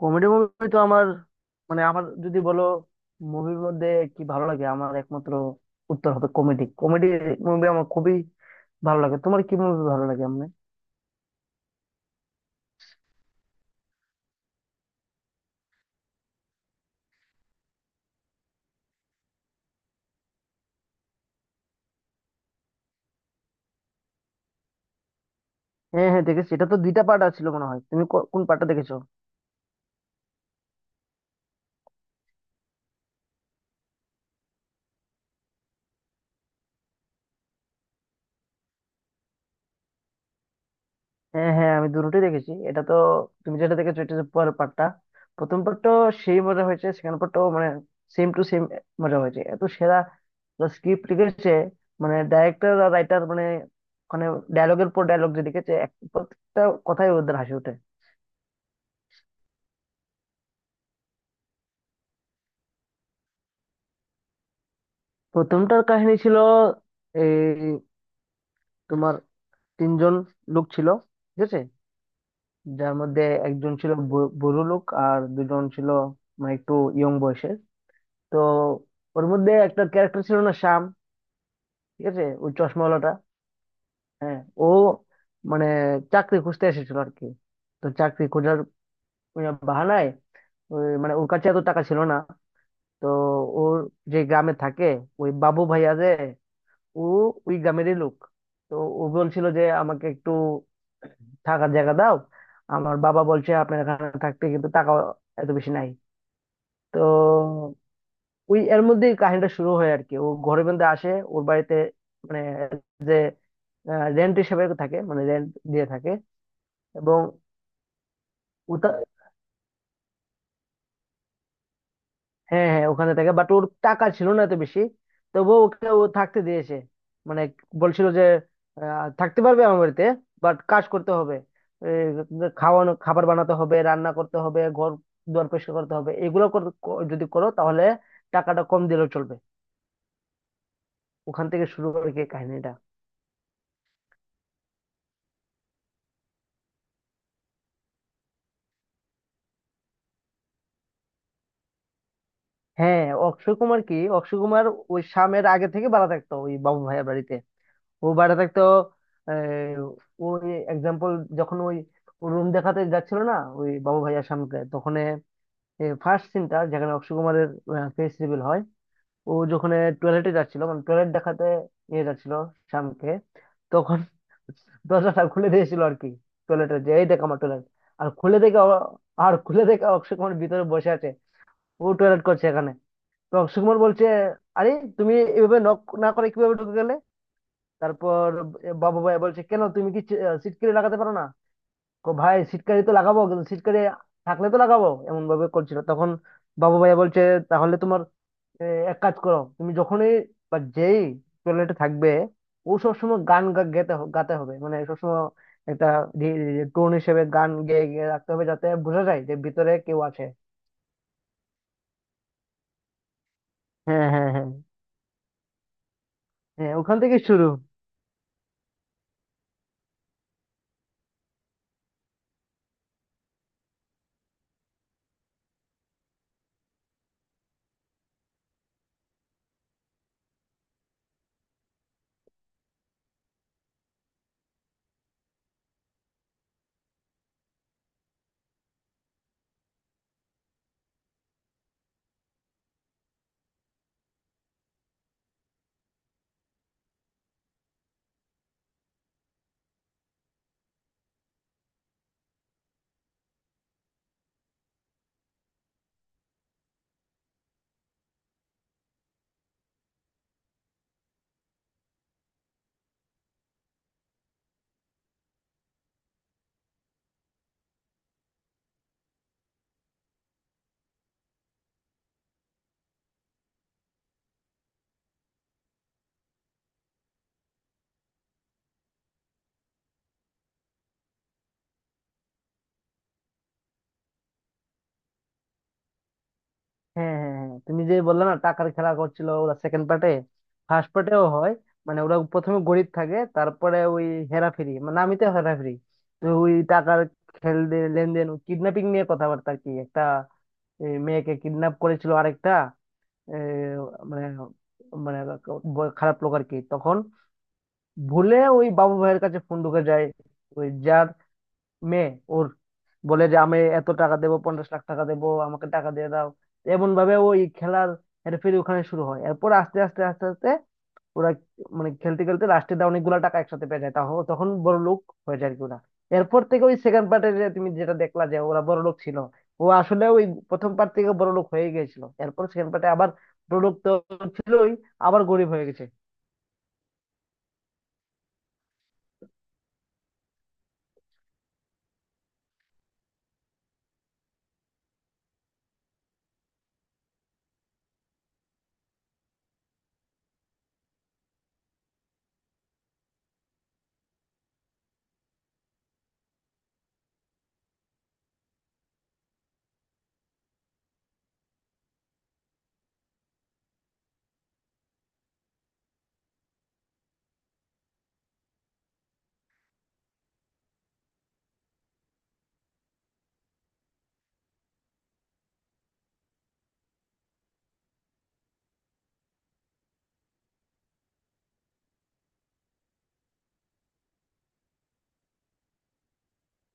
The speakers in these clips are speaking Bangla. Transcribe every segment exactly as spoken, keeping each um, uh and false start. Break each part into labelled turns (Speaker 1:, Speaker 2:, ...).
Speaker 1: কমেডি মুভি তো আমার, মানে আমার যদি বলো মুভির মধ্যে কি ভালো লাগে, আমার একমাত্র উত্তর হবে কমেডি। কমেডি মুভি আমার খুবই ভালো লাগে। তোমার কি মুভি ভালো লাগে এমনি? হ্যাঁ, হ্যাঁ, দেখেছি। এটা তো দুইটা পার্ট আছিল মনে হয়। তুমি কো- কোন পার্টটা দেখেছো? হ্যাঁ, হ্যাঁ, আমি দুটোই দেখেছি। এটা তো, তুমি যেটা দেখেছো এটা হচ্ছে পরের পার্টটা। প্রথম পার্টটাও সেই মজা হয়েছে, সেকেন্ড পার্টটাও মানে সেম টু সেম মজা হয়েছে। এত সেরা স্ক্রিপ্ট লিখেছে, মানে ডাইরেক্টর আর রাইটার, মানে ওখানে ডায়লগের পর ডায়লগ যে লিখেছে, এক- প্রত্যেকটা কথাই ওদের হাসি ওঠে। প্রথমটার কাহিনী ছিল এই, তোমার তিনজন লোক ছিল, ঠিক আছে। যার মধ্যে একজন ছিল ব- বুড়ো লোক, আর দুজন ছিল মানে একটু ইয়ং বয়সের। তো ওর মধ্যে একটা ক্যারেক্টার ছিল না, শ্যাম, ঠিক আছে, ওই চশমাওয়ালাটা। হ্যাঁ, ও মানে চাকরি খুঁজতে এসেছিল আর কি। তো চাকরি খোঁজার বাহানায় ওই, মানে ওর কাছে এত টাকা ছিল না। তো ওর যে গ্রামে থাকে ওই বাবু ভাইয়া, যে ও ওই গ্রামেরই লোক। তো ও বলছিল যে আমাকে একটু থাকার জায়গা দাও, আমার বাবা বলছে আপনার এখানে থাকতে, কিন্তু টাকা এত বেশি নাই। তো ওই এর মধ্যেই কাহিনীটা শুরু হয় আর কি, ও ঘরে বন্দে আসে ওর বাড়িতে, মানে যে রেন্ট হিসেবে থাকে, মানে রেন্ট দিয়ে থাকে। এবং ও তা- হ্যাঁ, হ্যাঁ, ওখানে থাকে, বাট ওর টাকা ছিল না এত বেশি। তবুও ওকে ও থাকতে দিয়েছে, মানে বলছিল যে আহ, থাকতে পারবে আমার বাড়িতে, বাট কাজ করতে হবে। এই, খাওয়ানো, খাবার বানাতে হবে, রান্না করতে হবে, ঘর দুয়ার পরিষ্কার করতে হবে, এগুলো কর- ক- যদি করো তাহলে টাকাটা কম দিলেও চলবে। ওখান থেকে শুরু করে কি কাহিনীটা। হ্যাঁ, অক্ষয় কুমার, কি অক্ষয় কুমার ওই শামের আগে থেকে ভাড়া থাকতো ওই বাবু ভাইয়ের বাড়িতে। ও ভাড়া থাকতো। আহ, ওই এক্সাম্পল, যখন ওই রুম দেখাতে যাচ্ছিল না ওই বাবু ভাইয়ার সামনে, তখন ফার্স্ট সিনটা যেখানে অক্ষয় কুমারের ফেস রিভিল হয়। ও যখন টয়লেটে যাচ্ছিল, মানে টয়লেট দেখাতে নিয়ে যাচ্ছিল শ্যামকে, তখন দরজাটা খুলে দিয়েছিল আর কি টয়লেটের, যে এই দেখ আমার টয়লেট। আর খুলে দেখে ও- আর খুলে দেখে অক্ষয় কুমার ভিতরে বসে আছে, ও টয়লেট করছে এখানে। তো অক্ষয় কুমার বলছে, আরে তুমি এভাবে নক না করে কিভাবে ঢুকে গেলে? তারপর বাবু ভাই বলছে, কেন, তুমি কি সিটকারি লাগাতে পারো না? কো ভাই, সিটকারি তো লাগাবো, কিন্তু সিটকারি থাকলে তো লাগাবো, এমন ভাবে করছিল তখন। বাবু ভাই বলছে, তাহলে তোমার আহ, এক কাজ করো, তুমি যখনই বা যেই টয়লেটে থাকবে, ও সবসময় গান গা- গেতে হ- গাতে হবে, মানে সবসময় একটা টোন হিসেবে গান গেয়ে গেয়ে রাখতে হবে যাতে বোঝা যায় যে ভিতরে কেউ আছে। হ্যাঁ, হ্যাঁ, হ্যাঁ, হ্যাঁ, ওখান থেকে শুরু। হ্যাঁ, হ্যাঁ, হ্যাঁ, তুমি যে বললে না টাকার খেলা করছিল ওরা সেকেন্ড পার্টে, ফার্স্ট পার্টেও হয়। মানে ওরা প্রথমে গরিব থাকে, তারপরে ওই হেরাফেরি, মানে নামই তো হেরাফেরি। তো ওই টাকার খেল দে- লেনদেন, কিডন্যাপিং নিয়ে কথাবার্তা আর কি। একটা এ, মেয়েকে কিডন্যাপ করেছিল আরেকটা এ, মানে, মানে ব- খারাপ লোক আর কি। তখন ভুলে ওই বাবু ভাইয়ের কাছে ফোন ঢুকে যায়, ওই যার মেয়ে, ওর বলে যে আমি এত টাকা দেবো, পঞ্চাশ লাখ টাকা দেবো, আমাকে টাকা দিয়ে দাও। এমন ভাবে ওই খেলার হেরফেরি ওখানে শুরু হয়। এরপর আস্তে আস্তে আস্তে আস্তে ওরা, মানে খেলতে খেলতে লাস্টে দা অনেকগুলা টাকা একসাথে পেয়ে যায়, তাহ- তখন বড় লোক হয়ে যায় আর কি ওরা। এরপর থেকে ওই সেকেন্ড পার্টে যে তুমি যেটা দেখলা যে ওরা বড় লোক ছিল, ও আসলে ওই প্রথম পার্ট থেকে বড় লোক হয়ে গেছিল। এরপর সেকেন্ড পার্টে আবার, বড় লোক তো ছিলই, আবার গরিব হয়ে গেছে।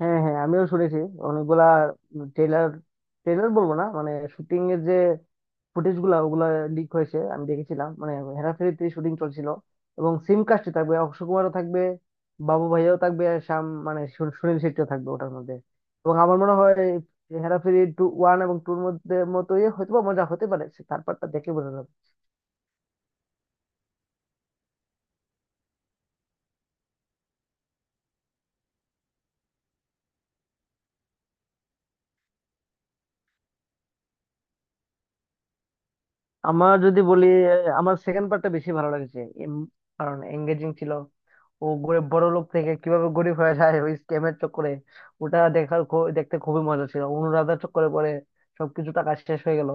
Speaker 1: হ্যাঁ, হ্যাঁ, আমিও শুনেছি। অনেকগুলা ট্রেলার, ট্রেলার বলবো না, মানে শুটিং এর যে ফুটেজ গুলা ওগুলা লিক হয়েছে, আমি দেখেছিলাম, মানে হেরাফেরিতে শুটিং চলছিল। এবং সিম কাস্টে থাকবে, অক্ষয় কুমারও থাকবে, বাবু ভাইয়াও থাকবে, আর শ্যাম মানে সু- সুনীল শেট্টিও থাকবে ওটার মধ্যে। এবং আমার মনে হয় হেরাফেরি টু, ওয়ান এবং টুর মধ্যে মতোই হয়তো বা মজা হতে পারে, থার্ড পার্টটা দেখে বোঝা যাবে। আমার যদি বলি, আহ, আমার সেকেন্ড পার্টটা বেশি ভালো লেগেছে। এম- কারণ এঙ্গেজিং ছিল। ও গরিব, বড় লোক থেকে কিভাবে গরিব হয়ে যায় ওই স্ক্যামের চক্করে, ওটা দেখার খু- দেখতে খুবই মজা ছিল। অনুরাধার চক্করে পরে সবকিছু, টাকা শেষ হয়ে গেল।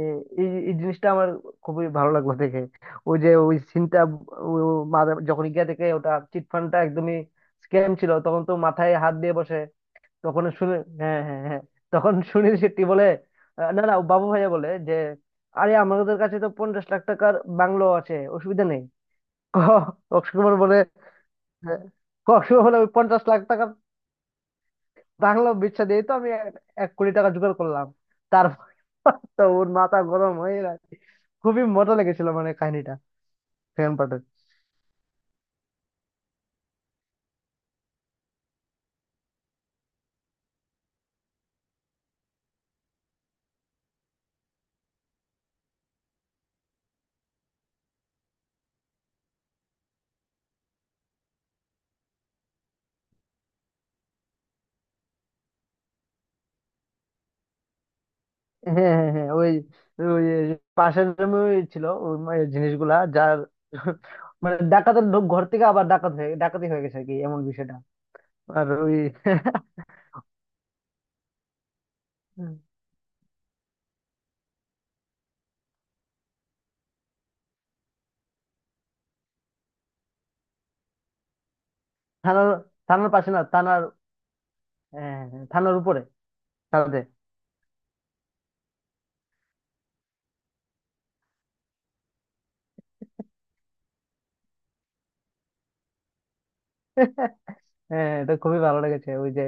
Speaker 1: এই এই এই জিনিসটা আমার খুবই ভালো লাগলো দেখে, ওই যে ওই সিনটা যখন গিয়ে দেখে ওটা চিট ফান্ডটা একদমই স্ক্যাম ছিল, তখন তো মাথায় হাত দিয়ে বসে। তখন শুনে, হ্যাঁ, হ্যাঁ, হ্যাঁ, তখন সুনীল শেট্টি বলে, আহ, না, না, বাবু ভাইয়া বলে যে, আরে আমাদের কাছে তো পঞ্চাশ লাখ টাকার বাংলো আছে, অসুবিধা নেই। অক্ষয় কুমার বলে, হ্যাঁ, কষ্ট হলে ওই পঞ্চাশ লাখ টাকা রাখলো বিচ্ছা দিয়ে, তো আমি এক এক কোটি টাকা জোগাড় করলাম। তারপর তো ওর মাথা গরম হয়ে গেছে। খুবই মজা লেগেছিল, মানে কাহিনীটা সেকেন্ড পার্টের। হ্যাঁ, হ্যাঁ, হ্যাঁ, ওই ওই পাশের room এ ওই ছিল ওই মা- এই জিনিসগুলা যার। মানে ডাকাতের ঢোক ঘর থেকে আবার ডাকাত হয়ে ডাকাতি হয়ে গেছে আর কি, এমন বিষয়টা। আর ওই থানার, থানার পাশে না, থানার, হ্যাঁ, হ্যাঁ, হ্যাঁ, থানার উপরে, থানাতে হ্যাঁ, হ্যাঁ, এটা খুবই ভালো লেগেছে ওই যে।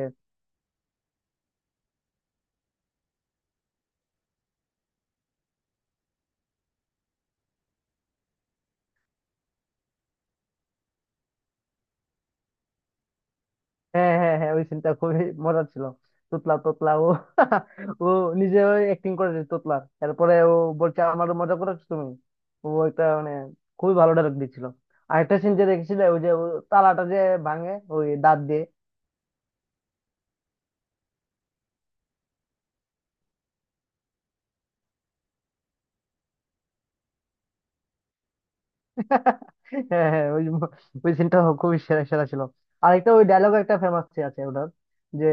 Speaker 1: হ্যাঁ, হ্যাঁ, হ্যাঁ, ওই সিনটা খুবই মজার ছিল। তোতলা, তোতলা, ও ও নিজে ওই অ্যাক্টিং করেছে তোতলা। তারপরে ও বলছে, আমারও মজা করেছো তুমি। ও একটা মানে খুবই ভালো ডায়লগ দিচ্ছিল। আরেকটা সিন যে দেখেছিল, ওই যে ও তালাটা যে ভাঙে ওই দাঁত দিয়ে। হ্যাঁ, হ্যাঁ, ওই ওই সিনটা খুবই সেরা সেরা ছিল। আরেকটা ওই ডায়লগ একটা ফেমাস আছে ওটার, যে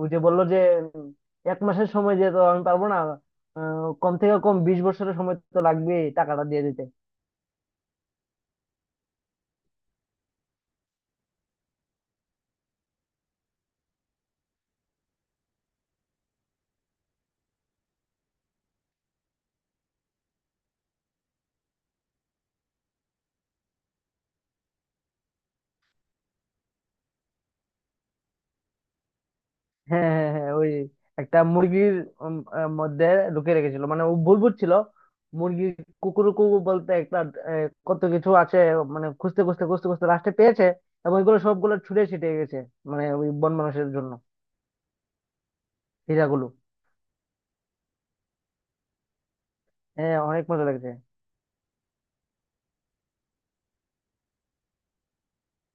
Speaker 1: ওই যে বললো যে, উম, এক মাসের সময় যে তো আমি পারবো না, আহ, কম থেকে কম বিশ বছরের সময় তো লাগবে টাকাটা দিয়ে দিতে। হ্যাঁ, হ্যাঁ, হ্যাঁ, হ্যাঁ, ওই একটা মুরগির উম, আহ, মধ্যে ঢুকিয়ে রেখেছিল, মানে ও ভুল বুঝছিল মুরগি কুকুরকু বলতে, একটা আহ, কত কিছু আছে। মানে খুঁজতে খুঁজতে খুঁজতে খুঁজতে লাস্টে পেয়েছে, এবং ওইগুলো সবগুলো ছুটে ছিটে গেছে মানে ওই বন মানুষের জন্য, হীরাগুলো। হ্যাঁ, অনেক মজা লাগছে।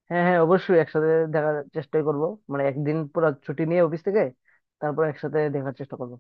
Speaker 1: হ্যাঁ, হ্যাঁ, অবশ্যই একসাথে দেখার চেষ্টাই করব, মানে একদিন পুরো ছুটি নিয়ে অফিস থেকে তারপর একসাথে দেখার চেষ্টা করব।